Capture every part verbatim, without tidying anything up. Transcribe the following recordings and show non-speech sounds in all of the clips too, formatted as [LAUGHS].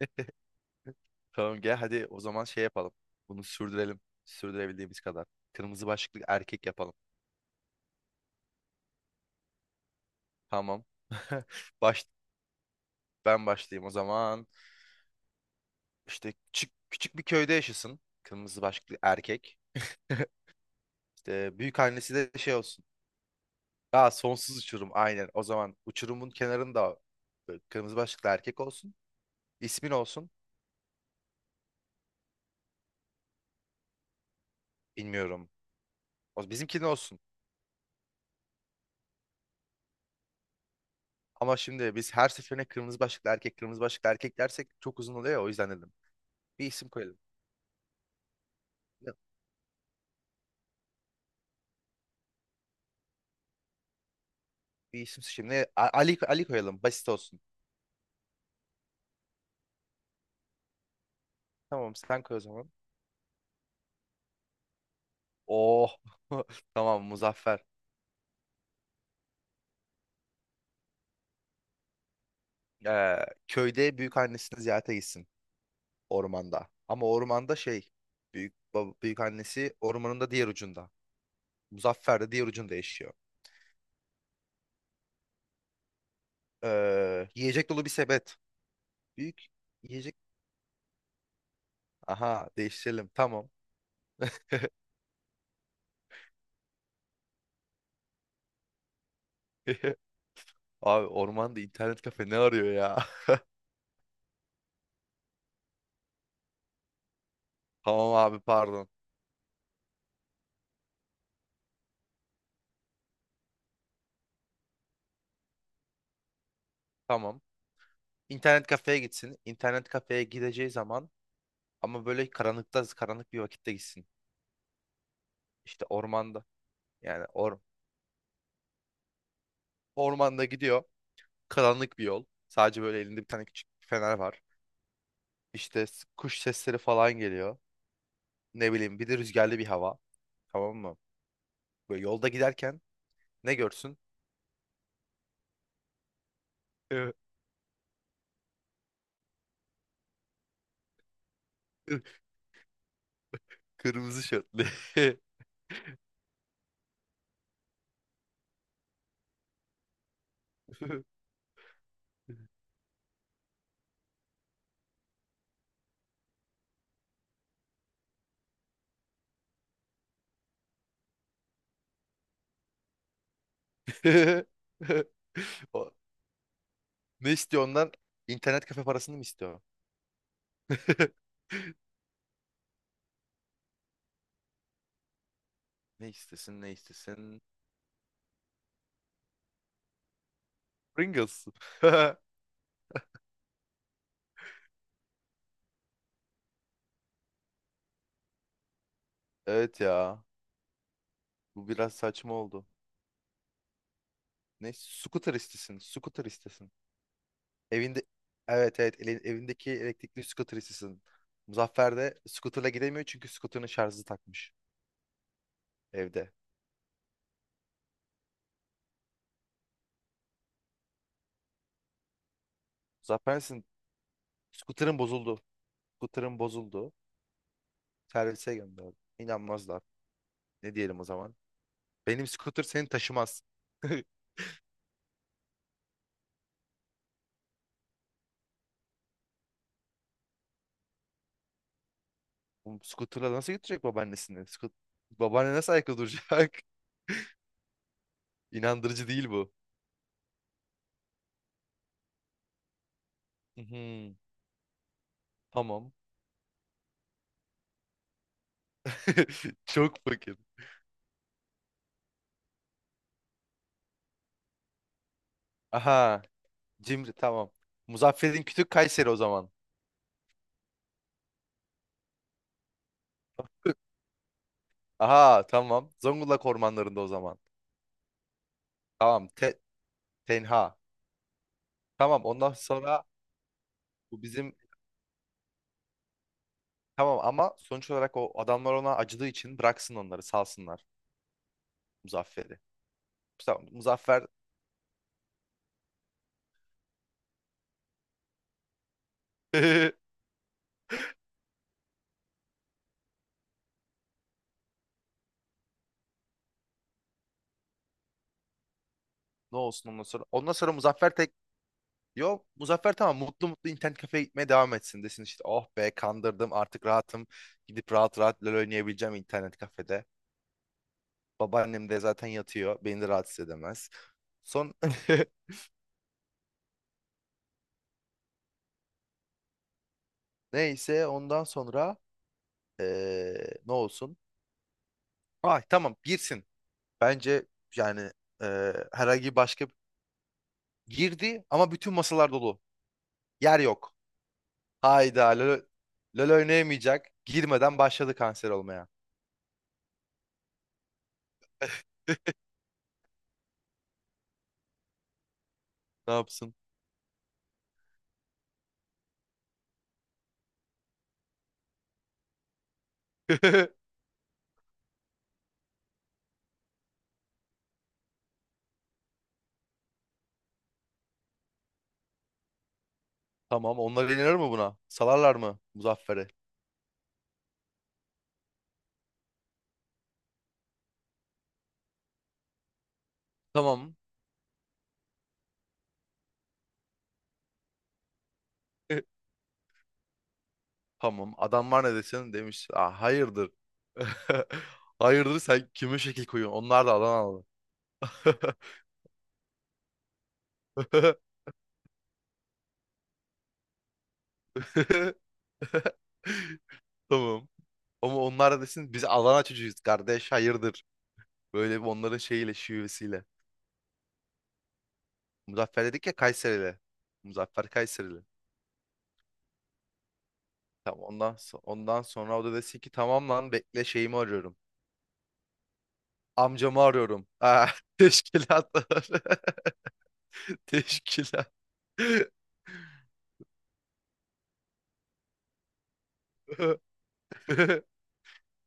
[LAUGHS] Tamam, gel hadi o zaman şey yapalım. Bunu sürdürelim. Sürdürebildiğimiz kadar. Kırmızı başlıklı erkek yapalım. Tamam. [LAUGHS] Baş, ben başlayayım o zaman. İşte küçük, küçük bir köyde yaşasın. Kırmızı başlıklı erkek. [LAUGHS] İşte büyük annesi de şey olsun. Aa, sonsuz uçurum aynen. O zaman uçurumun kenarında böyle kırmızı başlıklı erkek olsun. İsmin olsun. Bilmiyorum. O bizimkinin olsun. Ama şimdi biz her seferine kırmızı başlıklı erkek, kırmızı başlıklı erkek dersek çok uzun oluyor ya, o yüzden dedim. Bir isim koyalım. Ya, bir isim şimdi A- Ali, Ali koyalım. Basit olsun. Tamam, sen koy o zaman. Oh. [LAUGHS] Tamam, Muzaffer. Ee, köyde büyük annesini ziyarete gitsin ormanda. Ama ormanda şey, büyük, büyük annesi ormanın da diğer ucunda. Muzaffer de diğer ucunda yaşıyor. Ee, yiyecek dolu bir sepet. Büyük yiyecek. Aha, değiştirelim. Tamam. [LAUGHS] Abi, ormanda internet kafe ne arıyor ya? [LAUGHS] Tamam abi, pardon. Tamam. İnternet kafeye gitsin. İnternet kafeye gideceği zaman ama böyle karanlıkta, karanlık bir vakitte gitsin. İşte ormanda. Yani or ormanda gidiyor. Karanlık bir yol. Sadece böyle elinde bir tane küçük bir fener var. İşte s- kuş sesleri falan geliyor. Ne bileyim, bir de rüzgarlı bir hava. Tamam mı? Böyle yolda giderken ne görsün? [LAUGHS] Kırmızı şortlu. [LAUGHS] O- Ne istiyor ondan? İnternet kafe parasını mı istiyor? [LAUGHS] Ne istesin, ne istesin? Pringles. [LAUGHS] Evet ya. Bu biraz saçma oldu. Ne? Scooter istesin. Scooter istesin. Evinde, evet, evet, ele- evindeki elektrikli scooter istesin. Muzaffer de scooter'la gidemiyor çünkü scooter'ın şarjı takmış evde. Muzaffer misin? Scooter'ın bozuldu. Scooter'ın bozuldu. Servise gönderdi. İnanmazlar. Ne diyelim o zaman? Benim scooter seni taşımaz. [LAUGHS] Bu scooter'la nasıl götürecek babaannesini? Scoot Babaanne nasıl ayakta duracak? [LAUGHS] İnandırıcı değil bu. Mhm. Tamam. [LAUGHS] Çok fakir. Aha. Cimri, tamam. Muzaffer'in kütük Kayseri o zaman. Aha, tamam. Zonguldak ormanlarında o zaman. Tamam. Te tenha. Tamam, ondan sonra bu bizim, tamam, ama sonuç olarak o adamlar ona acıdığı için bıraksın, onları salsınlar Muzaffer'i. Tamam, Muzaffer. [LAUGHS] Ne olsun ondan sonra? Ondan sonra Muzaffer tek. Yok, Muzaffer tamam, mutlu mutlu internet kafeye gitmeye devam etsin, desin işte "oh be, kandırdım, artık rahatım, gidip rahat rahat LoL oynayabileceğim internet kafede. Babaannem de zaten yatıyor, beni de rahatsız edemez." Son [LAUGHS] neyse, ondan sonra eee, ne olsun? Ay tamam, girsin bence, yani eee, herhangi başka. Girdi ama bütün masalar dolu, yer yok. Hayda, LoL, LoL oynayamayacak, girmeden başladı kanser olmaya. Ne yapsın? [LAUGHS] Tamam. Onlar inanır mı buna? Salarlar mı Muzaffer'i? Tamam. E, tamam. Adam var, ne desin demiş? Aa, hayırdır. [LAUGHS] Hayırdır, sen kime şekil koyuyorsun? Onlar da Adanalı. [LAUGHS] Tamam. Ama onlar da desin "biz Adana çocuğuyuz kardeş, hayırdır." Böyle bir onların şeyiyle, şivesiyle. Muzaffer dedik ya, Kayserili. Muzaffer Kayserili. Tamam, ondan, so- ondan sonra o da desin ki "tamam lan, bekle, şeyimi arıyorum. Amcamı arıyorum." Ah, [LAUGHS] teşkilatlar. [LAUGHS] Teşkilat. [LAUGHS]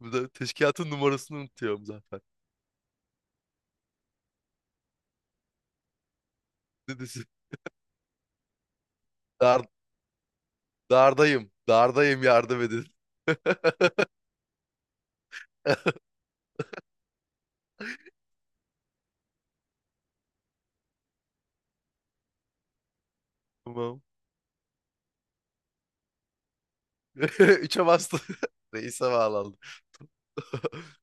Bu da teşkilatın numarasını unutuyorum zaten. Ne desin? Dar, dardayım. Dardayım, yardım edin. [LAUGHS] Tamam. [LAUGHS] Üçe bastı. [LAUGHS] Reis'e bağlandı. [LAUGHS]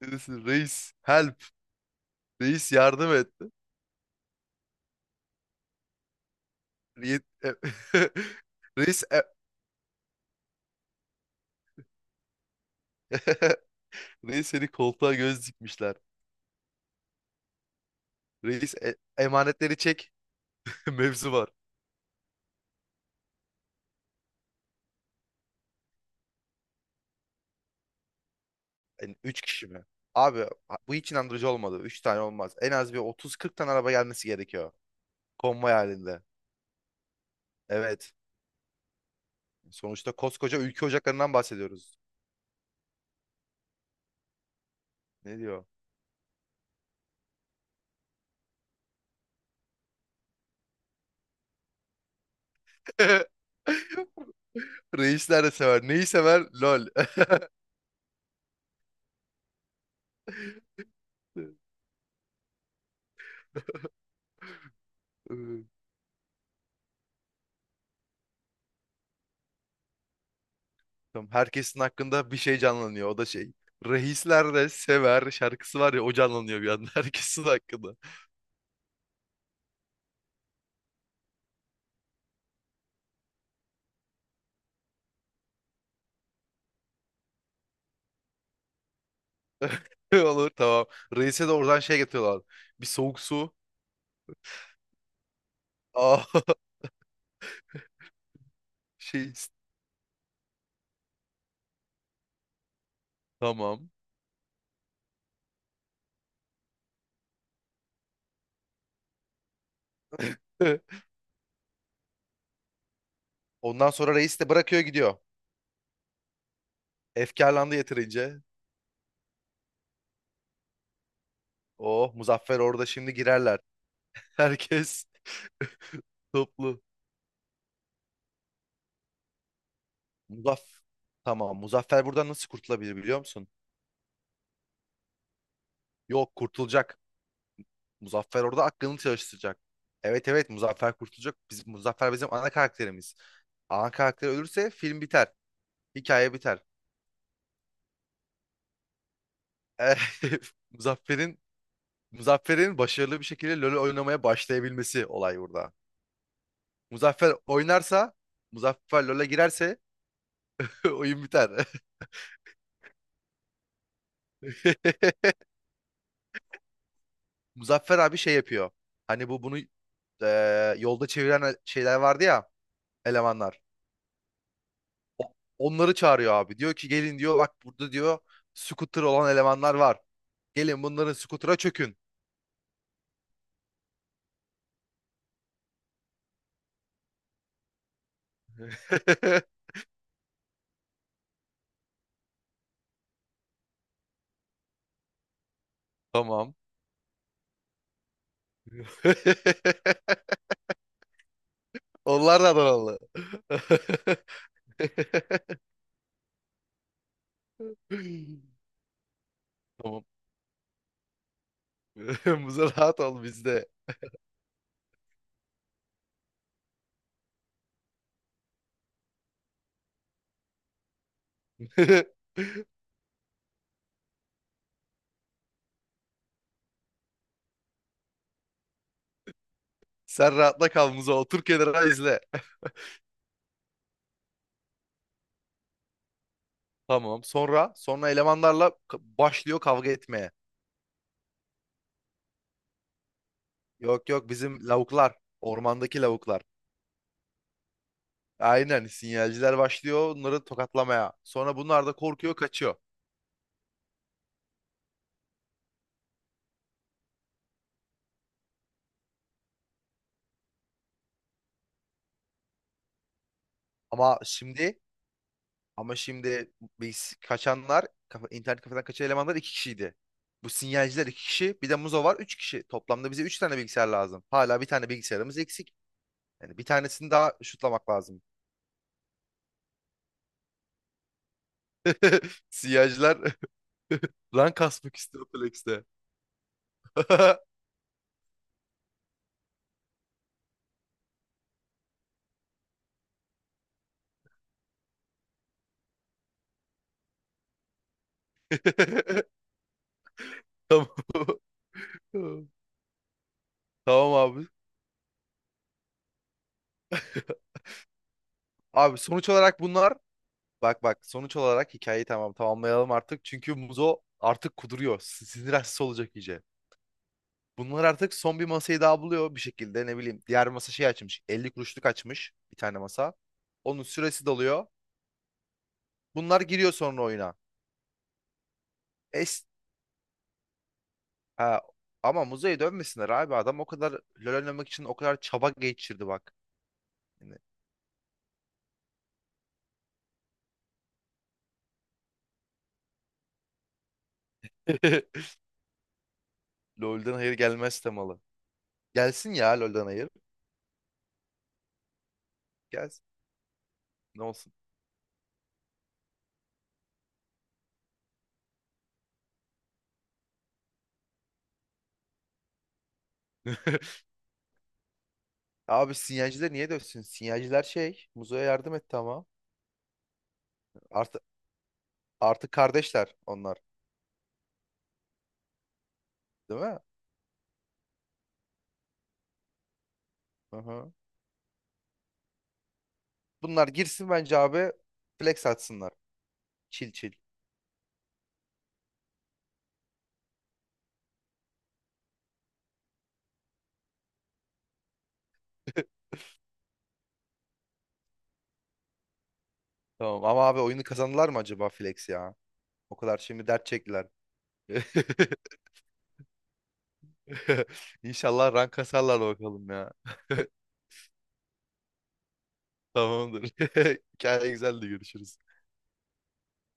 Ne desin? Reis, help. Reis, yardım et. Reis. [LAUGHS] Reis, e- [LAUGHS] Reis, seni koltuğa göz dikmişler. Reis, e- emanetleri çek. [LAUGHS] Mevzu var. Yani üç kişi mi? Abi, bu hiç inandırıcı olmadı. Üç tane olmaz. En az bir otuz kırk tane araba gelmesi gerekiyor. Konvoy halinde. Evet. Sonuçta koskoca ülke ocaklarından bahsediyoruz. Ne diyor? [LAUGHS] Reisler de sever. Neyi sever? LOL. [LAUGHS] Evet. Tamam, herkesin hakkında bir şey canlanıyor. O da şey. "Reisler de Sever" şarkısı var ya, o canlanıyor bir anda [LAUGHS] herkesin hakkında. [LAUGHS] Olur, tamam. Reis'e de oradan şey getiriyorlar. Bir soğuk su. Aa, [LAUGHS] şey, tamam. [LAUGHS] Ondan sonra reis de bırakıyor, gidiyor. Efkarlandı yeterince. Oh, Muzaffer orada şimdi girerler. Herkes [LAUGHS] toplu. Muzaff tamam, Muzaffer buradan nasıl kurtulabilir biliyor musun? Yok, kurtulacak. Muzaffer orada aklını çalıştıracak. Evet, evet, Muzaffer kurtulacak. Biz, Muzaffer bizim ana karakterimiz. Ana karakter ölürse film biter. Hikaye biter. [LAUGHS] Muzaffer'in Muzaffer'in başarılı bir şekilde LoL oynamaya başlayabilmesi olay burada. Muzaffer oynarsa, Muzaffer LoL'e girerse [LAUGHS] oyun biter. [LAUGHS] Muzaffer abi şey yapıyor. Hani bu bunu, e, yolda çeviren, e, şeyler vardı ya, elemanlar. O- onları çağırıyor abi. Diyor ki "gelin" diyor, "bak burada" diyor, "scooter olan elemanlar var. Gelin, bunların scooter'a çökün." [LAUGHS] Tamam. [LAUGHS] Onlar da Adanalı. [LAUGHS] Tamam. [LAUGHS] Muza, rahat ol, bizde. [LAUGHS] Sen rahatla kal Muza. Otur kenara, izle. Tamam. Sonra sonra elemanlarla k- başlıyor kavga etmeye. Yok yok, bizim lavuklar. Ormandaki lavuklar. Aynen, sinyalciler başlıyor onları tokatlamaya. Sonra bunlar da korkuyor, kaçıyor. Ama şimdi ama şimdi biz, kaçanlar, kafa- internet kafeden kaçan elemanlar iki kişiydi. Bu sinyalciler iki kişi, bir de Muzo var, üç kişi. Toplamda bize üç tane bilgisayar lazım. Hala bir tane bilgisayarımız eksik. Yani bir tanesini daha şutlamak lazım. [LAUGHS] Sinyalciler [LAUGHS] rank kasmak istiyor Flex'te. [LAUGHS] Tamam. [LAUGHS] Tamam abi. [LAUGHS] Abi, sonuç olarak bunlar, bak bak, sonuç olarak hikayeyi tamam tamamlayalım artık. Çünkü Muzo artık kuduruyor. Si- Sinir hastası olacak iyice. Bunlar artık son bir masayı daha buluyor bir şekilde, ne bileyim. Diğer masa şey açmış. Elli kuruşluk açmış bir tane masa. Onun süresi doluyor. Bunlar giriyor sonra oyuna. Es ha, ama Muzo'ya dönmesinler abi. Adam o kadar LoL oynamak için o kadar çaba geçirdi bak. Yani. [LAUGHS] LoL'den hayır gelmez temalı. Gelsin ya, LoL'den hayır. Gelsin. Ne olsun? [LAUGHS] Abi, sinyalciler niye dövsün? Sinyalciler şey, Muzo'ya yardım etti ama. Artık artık kardeşler onlar, değil mi? Hı-hı. Bunlar girsin bence abi, flex atsınlar. Çil çil. [LAUGHS] Tamam ama abi, oyunu kazandılar mı acaba flex ya? O kadar şimdi dert çektiler. [LAUGHS] İnşallah rank kasarlar bakalım ya. [LAUGHS] Tamamdır. [LAUGHS] Hikaye güzeldi, görüşürüz.